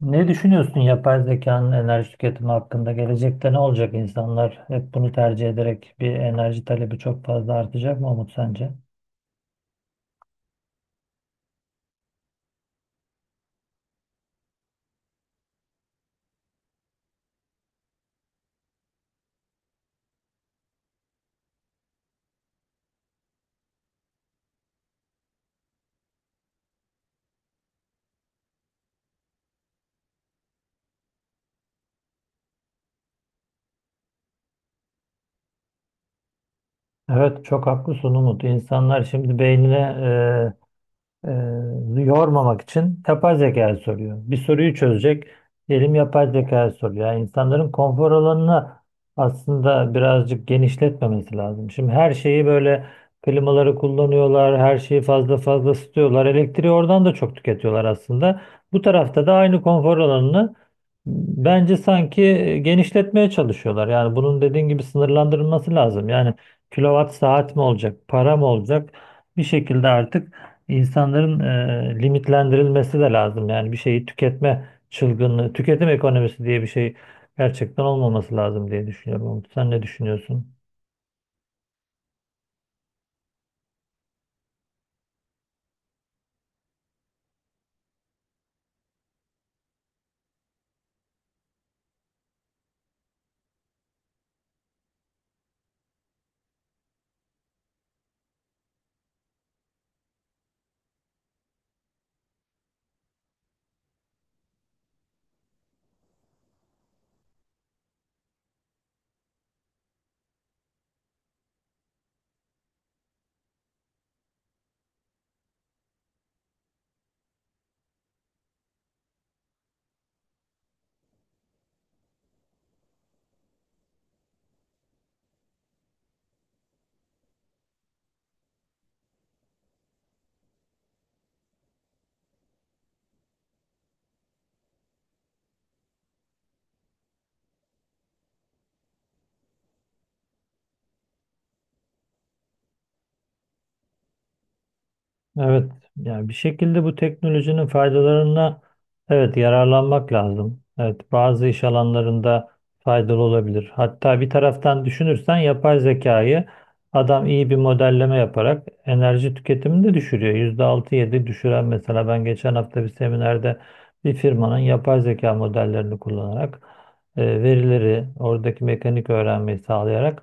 Ne düşünüyorsun yapay zekanın enerji tüketimi hakkında? Gelecekte ne olacak insanlar? Hep bunu tercih ederek bir enerji talebi çok fazla artacak mı Umut sence? Evet çok haklısın Umut. İnsanlar şimdi beynine yormamak için yapay zekaya soruyor. Bir soruyu çözecek. Diyelim yapay zekaya soruyor. Yani insanların konfor alanını aslında birazcık genişletmemesi lazım. Şimdi her şeyi böyle klimaları kullanıyorlar, her şeyi fazla fazla ısıtıyorlar. Elektriği oradan da çok tüketiyorlar aslında. Bu tarafta da aynı konfor alanını bence sanki genişletmeye çalışıyorlar. Yani bunun dediğin gibi sınırlandırılması lazım. Yani kilowatt saat mi olacak, para mı olacak? Bir şekilde artık İnsanların e, limitlendirilmesi de lazım. Yani bir şeyi tüketme çılgınlığı, tüketim ekonomisi diye bir şey gerçekten olmaması lazım diye düşünüyorum. Umut, sen ne düşünüyorsun? Evet, yani bir şekilde bu teknolojinin faydalarına evet yararlanmak lazım. Evet, bazı iş alanlarında faydalı olabilir. Hatta bir taraftan düşünürsen yapay zekayı adam iyi bir modelleme yaparak enerji tüketimini de düşürüyor. %6-7 düşüren mesela ben geçen hafta bir seminerde bir firmanın yapay zeka modellerini kullanarak verileri oradaki mekanik öğrenmeyi sağlayarak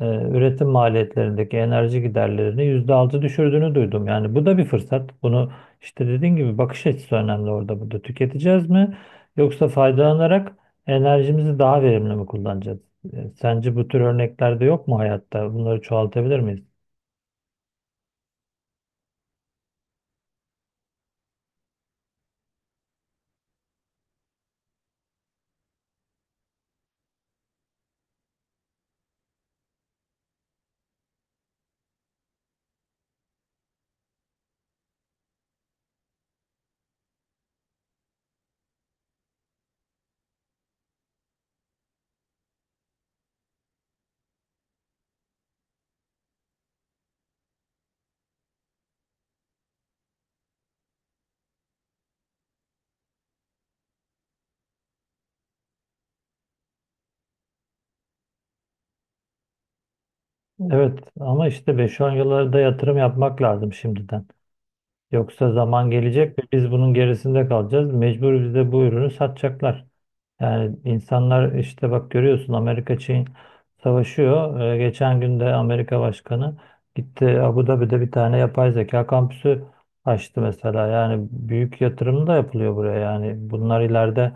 üretim maliyetlerindeki enerji giderlerini %6 düşürdüğünü duydum. Yani bu da bir fırsat. Bunu işte dediğin gibi bakış açısı önemli orada burada. Tüketeceğiz mi yoksa faydalanarak enerjimizi daha verimli mi kullanacağız? Sence bu tür örnekler de yok mu hayatta? Bunları çoğaltabilir miyiz? Evet ama işte beş 10 yıllarda yatırım yapmak lazım şimdiden. Yoksa zaman gelecek ve biz bunun gerisinde kalacağız. Mecbur bize bu ürünü satacaklar. Yani insanlar işte bak görüyorsun Amerika Çin savaşıyor. Geçen gün de Amerika Başkanı gitti Abu Dhabi'de bir tane yapay zeka kampüsü açtı mesela. Yani büyük yatırım da yapılıyor buraya. Yani bunlar ileride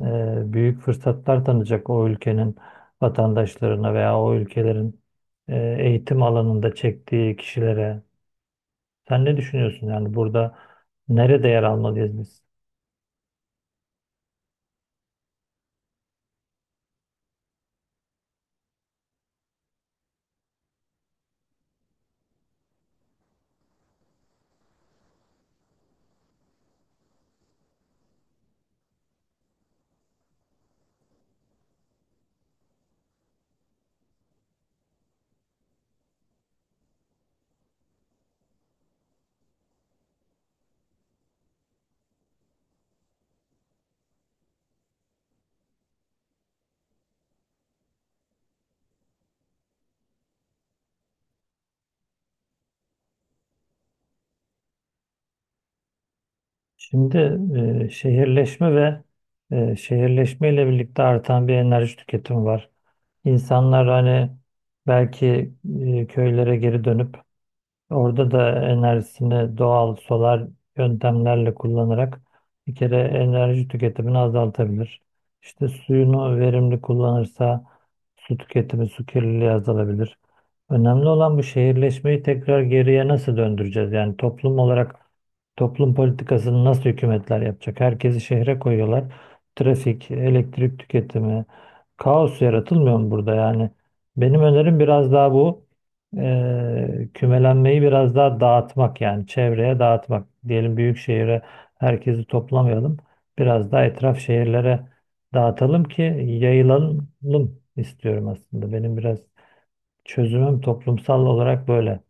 büyük fırsatlar tanıyacak o ülkenin vatandaşlarına veya o ülkelerin eğitim alanında çektiği kişilere. Sen ne düşünüyorsun? Yani burada nerede yer almalıyız biz? Şimdi şehirleşme ve şehirleşmeyle birlikte artan bir enerji tüketimi var. İnsanlar hani belki köylere geri dönüp orada da enerjisini doğal solar yöntemlerle kullanarak bir kere enerji tüketimini azaltabilir. İşte suyunu verimli kullanırsa su tüketimi, su kirliliği azalabilir. Önemli olan bu şehirleşmeyi tekrar geriye nasıl döndüreceğiz? Yani toplum olarak toplum politikasını nasıl hükümetler yapacak? Herkesi şehre koyuyorlar. Trafik, elektrik tüketimi, kaos yaratılmıyor mu burada? Yani benim önerim biraz daha bu. Kümelenmeyi biraz daha dağıtmak yani çevreye dağıtmak. Diyelim büyük şehire herkesi toplamayalım. Biraz daha etraf şehirlere dağıtalım ki yayılalım istiyorum aslında. Benim biraz çözümüm toplumsal olarak böyle.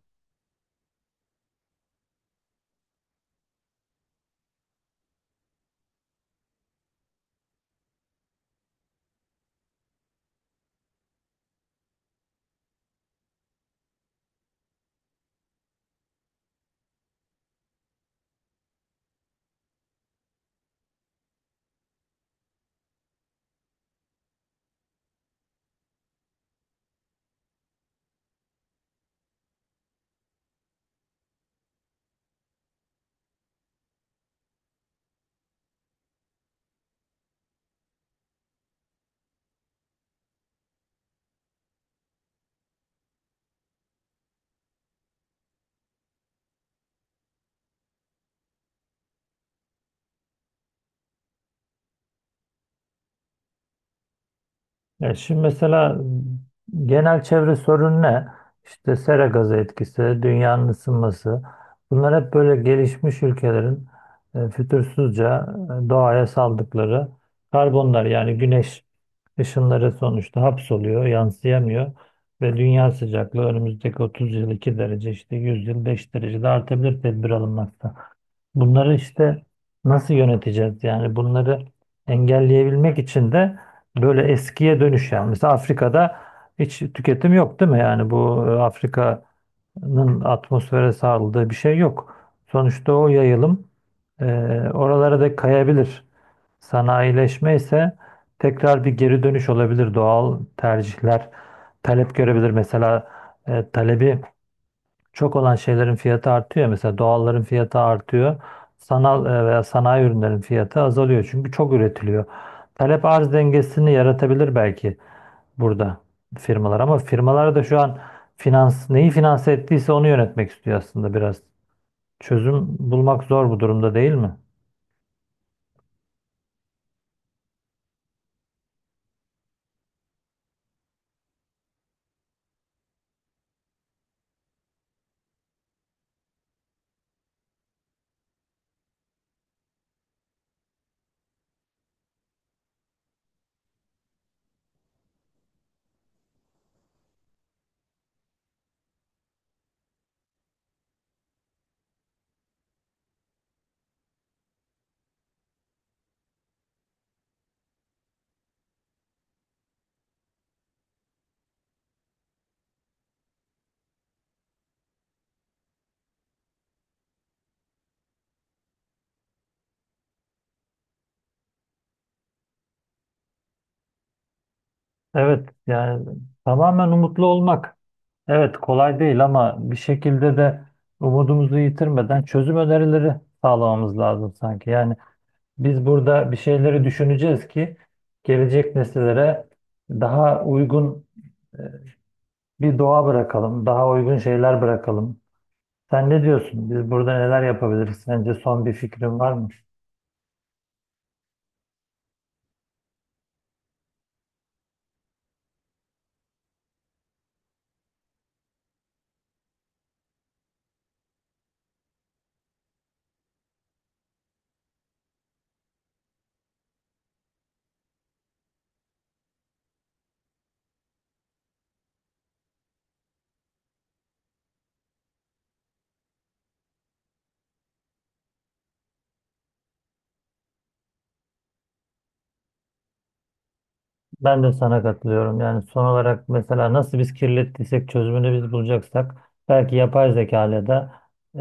Ya şimdi mesela genel çevre sorunu ne? İşte sera gazı etkisi, dünyanın ısınması. Bunlar hep böyle gelişmiş ülkelerin fütursuzca doğaya saldıkları karbonlar yani güneş Işınları sonuçta hapsoluyor, yansıyamıyor ve dünya sıcaklığı önümüzdeki 30 yıl 2 derece işte 100 yıl 5 derece de artabilir, tedbir alınmakta. Bunları işte nasıl yöneteceğiz? Yani bunları engelleyebilmek için de böyle eskiye dönüş yani. Mesela Afrika'da hiç tüketim yok değil mi? Yani bu Afrika nın atmosfere sağladığı bir şey yok. Sonuçta o yayılım e, oralara da kayabilir. Sanayileşme ise tekrar bir geri dönüş olabilir. Doğal tercihler talep görebilir. Mesela talebi çok olan şeylerin fiyatı artıyor. Mesela doğalların fiyatı artıyor. Sanal veya sanayi ürünlerin fiyatı azalıyor. Çünkü çok üretiliyor. Talep arz dengesini yaratabilir belki burada firmalar ama firmalar da şu an finans neyi finanse ettiyse onu yönetmek istiyor aslında biraz. Çözüm bulmak zor bu durumda değil mi? Evet yani tamamen umutlu olmak. Evet kolay değil ama bir şekilde de umudumuzu yitirmeden çözüm önerileri sağlamamız lazım sanki. Yani biz burada bir şeyleri düşüneceğiz ki gelecek nesillere daha uygun e, bir doğa bırakalım, daha uygun şeyler bırakalım. Sen ne diyorsun? Biz burada neler yapabiliriz? Sence son bir fikrin var mı? Ben de sana katılıyorum. Yani son olarak mesela nasıl biz kirlettiysek çözümünü biz bulacaksak belki yapay zeka ile de e,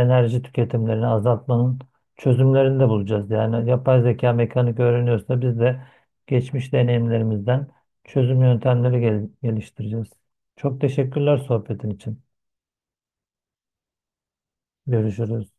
enerji tüketimlerini azaltmanın çözümlerini de bulacağız. Yani yapay zeka mekanik öğreniyorsa biz de geçmiş deneyimlerimizden çözüm yöntemleri geliştireceğiz. Çok teşekkürler sohbetin için. Görüşürüz.